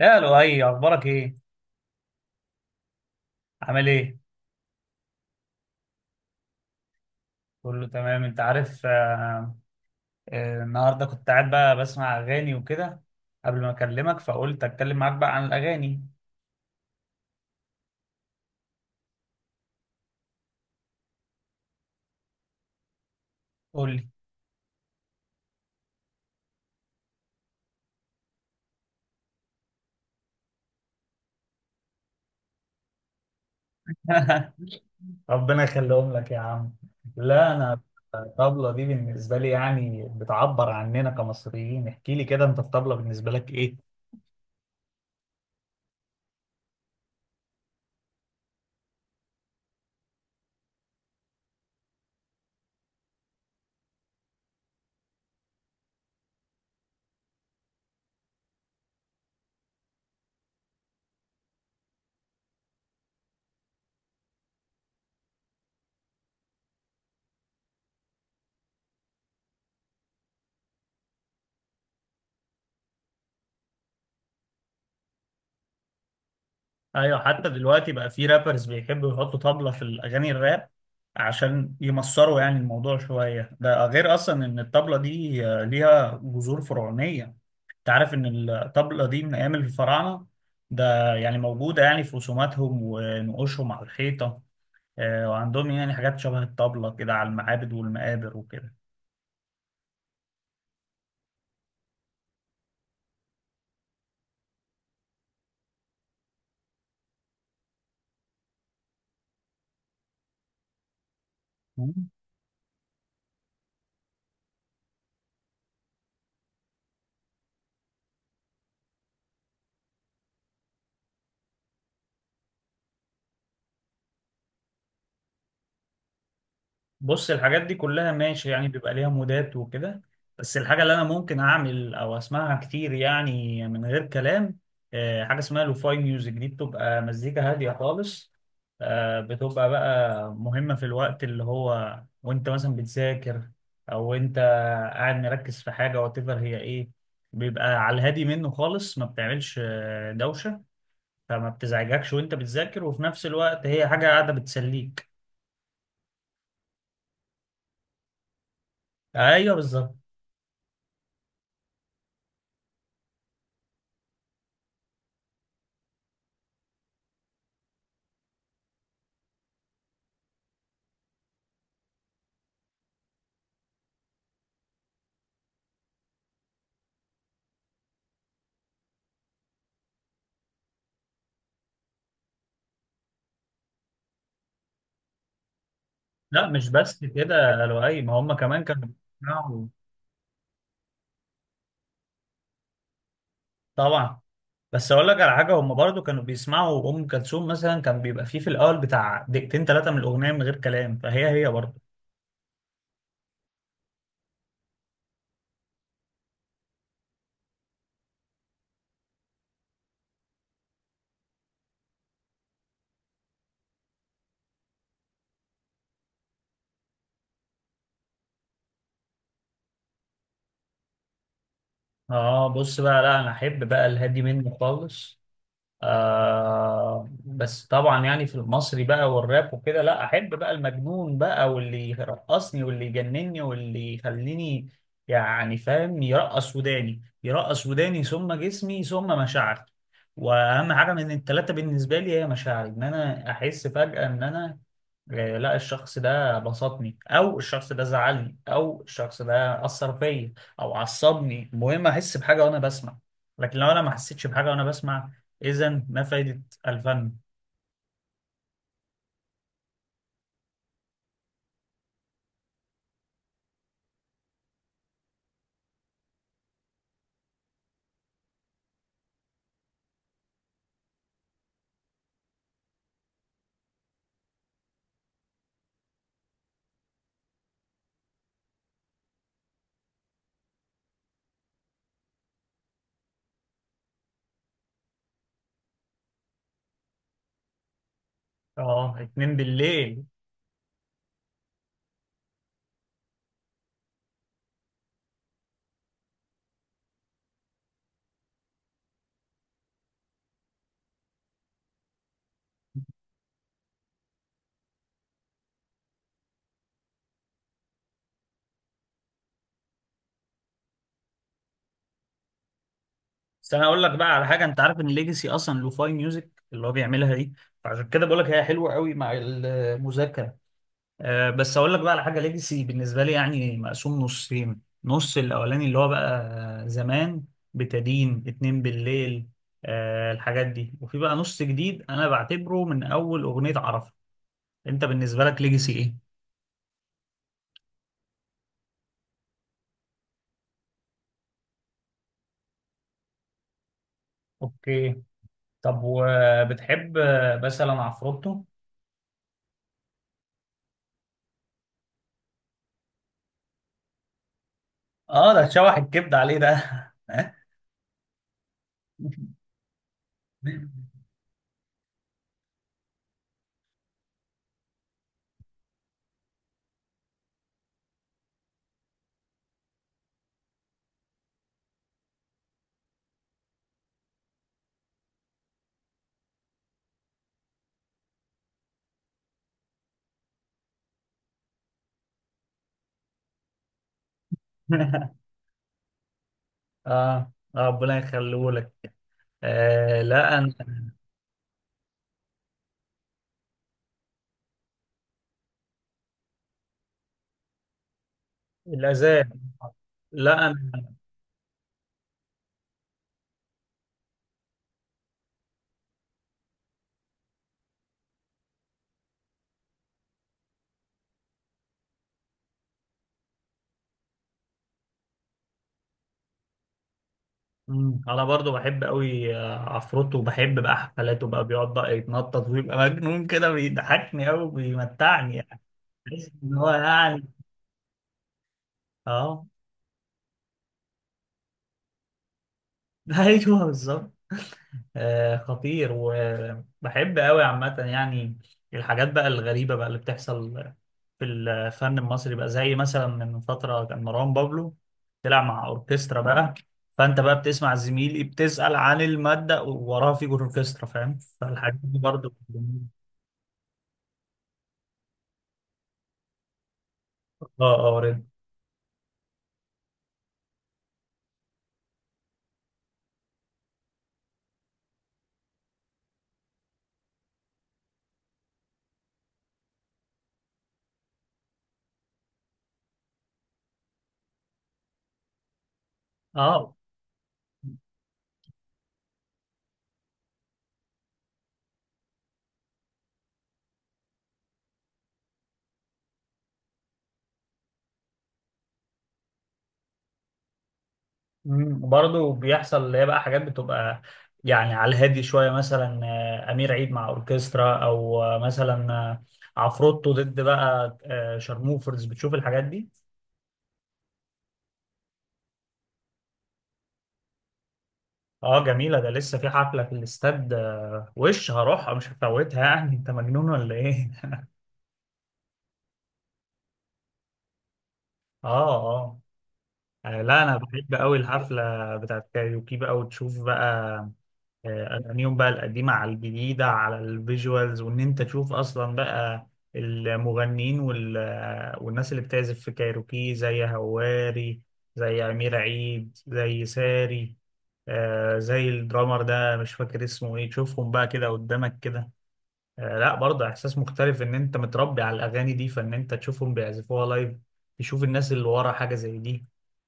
يا لؤي، اخبارك ايه؟ عامل ايه؟ كله تمام، انت عارف. النهارده كنت قاعد بقى بسمع اغاني وكده قبل ما اكلمك، فقلت اتكلم معاك بقى عن الاغاني. قول لي. ربنا يخليهم لك يا عم. لا، انا. الطبلة دي بالنسبة لي يعني بتعبر عننا كمصريين. احكي لي كده انت، الطبلة بالنسبة لك؟ ايوه، حتى دلوقتي بقى في رابرز بيحبوا يحطوا طبلة في الاغاني الراب عشان يمصروا يعني الموضوع شوية. ده غير اصلا ان الطبلة دي ليها جذور فرعونية. انت عارف ان الطبلة دي من ايام الفراعنة، ده يعني موجودة يعني في رسوماتهم ونقوشهم على الحيطة. وعندهم يعني حاجات شبه الطبلة كده على المعابد والمقابر وكده. بص، الحاجات دي كلها ماشي يعني بيبقى ليها مودات وكده، بس الحاجة اللي أنا ممكن أعمل أو أسمعها كتير يعني من غير كلام، حاجة اسمها لوفاي ميوزك. دي بتبقى مزيكا هادية خالص، بتبقى بقى مهمة في الوقت اللي هو وأنت مثلا بتذاكر، أو أنت قاعد مركز في حاجة واتيفر هي إيه. بيبقى على الهادي منه خالص، ما بتعملش دوشة، فما بتزعجكش وأنت بتذاكر، وفي نفس الوقت هي حاجة قاعدة بتسليك. أيوه، بالظبط. لا، مش بس كده يا لؤي، ما هم كمان كانوا بيسمعوا. طبعا. بس اقول لك على حاجه، هم برضو كانوا بيسمعوا ام كلثوم مثلا، كان بيبقى فيه في الاول بتاع دقيقتين ثلاثه من الاغنيه من غير كلام، فهي هي برضو. اه، بص بقى، لا انا احب بقى الهادي منه خالص. بس طبعا يعني في المصري بقى والراب وكده، لا احب بقى المجنون بقى، واللي يرقصني واللي يجنني واللي يخليني يعني، فاهم، يرقص وداني يرقص وداني ثم جسمي ثم مشاعري. واهم حاجه من الثلاثه بالنسبه لي هي مشاعري، ان انا احس فجاه ان انا لا، الشخص ده بسطني او الشخص ده زعلني او الشخص ده اثر فيا او عصبني، المهم احس بحاجه وانا بسمع، لكن لو انا ما حسيتش بحاجه وانا بسمع، اذا ما فايده الفن؟ اه، 2 بالليل. بس انا اقول لك بقى على حاجه، انت عارف ان ليجاسي اصلا لوفاي ميوزك اللي هو بيعملها دي، فعشان كده بقول لك هي حلوه قوي مع المذاكره. بس اقول لك بقى على حاجه، ليجاسي بالنسبه لي يعني مقسوم نصين، نص الاولاني اللي هو بقى زمان، بتدين 2 بالليل، الحاجات دي، وفي بقى نص جديد انا بعتبره من اول اغنيه عرفه. انت بالنسبه لك ليجاسي ايه؟ اوكي. طب وبتحب مثلا عفروتو؟ اه، ده تشوح الكبد عليه ده. اه. آه. ربنا يخليه لك. لا، انا. الاذان. لا. انا برضو بحب قوي عفروتو، وبحب بقى حفلاته بقى، بيقعد بقى يتنطط ويبقى مجنون كده، بيضحكني قوي بيمتعني يعني. بحس ان هو يعني. اه. ايوه، بالظبط. خطير وبحب قوي عامة يعني. الحاجات بقى الغريبة بقى اللي بتحصل في الفن المصري بقى، زي مثلا من فترة كان مروان بابلو طلع مع أوركسترا بقى، فأنت بقى بتسمع زميلي بتسأل عن المادة ووراها فيجر أوركسترا، فاهم، فالحاجات دي برضه. اه، اه، قريت. اه. برضه بيحصل اللي هي بقى حاجات بتبقى يعني على الهادي شويه، مثلا امير عيد مع اوركسترا، او آه، مثلا آه، عفروتو ضد بقى شارموفرز، بتشوف الحاجات دي. اه، جميله، ده لسه في حفله في الاستاد، وش هروحها مش هفوتها يعني، انت مجنون ولا ايه؟ اه، اه. لا انا بحب قوي الحفله بتاعت كايروكي بقى، وتشوف بقى اغانيهم بقى القديمه على الجديده على الفيجوالز، وان انت تشوف اصلا بقى المغنيين والناس اللي بتعزف في كايروكي، زي هواري، زي امير عيد، زي ساري، زي الدرامر ده، مش فاكر اسمه ايه، تشوفهم بقى كده قدامك كده. لا، برضه احساس مختلف ان انت متربي على الاغاني دي، فان انت تشوفهم بيعزفوها لايف، تشوف الناس اللي ورا حاجه زي دي.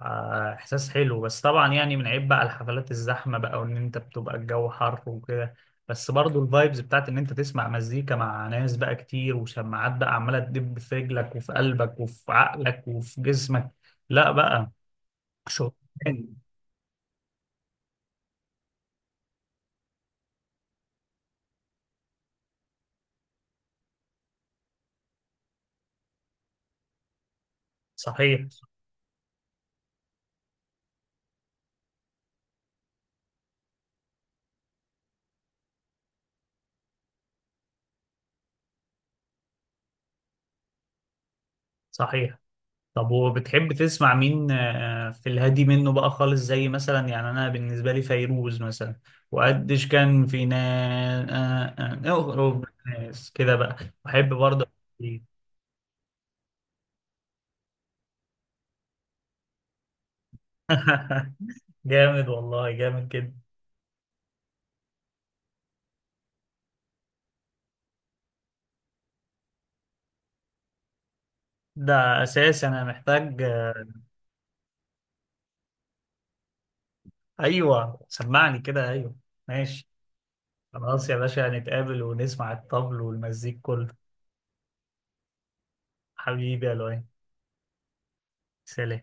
احساس حلو، بس طبعا يعني من عيب بقى الحفلات الزحمه بقى، وان انت بتبقى الجو حر وكده، بس برضو الفايبز بتاعت ان انت تسمع مزيكا مع ناس بقى كتير، وسماعات بقى عماله تدب في رجلك وفي قلبك وفي عقلك وفي جسمك، لا بقى شغل تاني. صحيح. صحيح. طب وبتحب تسمع مين في الهادي منه بقى خالص؟ زي مثلا يعني انا بالنسبه لي فيروز مثلا، وقديش كان في ناس، ناس كده بقى، بحب برضه. جامد والله، جامد جدا. ده اساس انا محتاج. ايوه، سمعني كده، ايوه. ماشي. خلاص يا باشا، هنتقابل ونسمع الطبل والمزيك كله. حبيبي يا لؤي. سلام.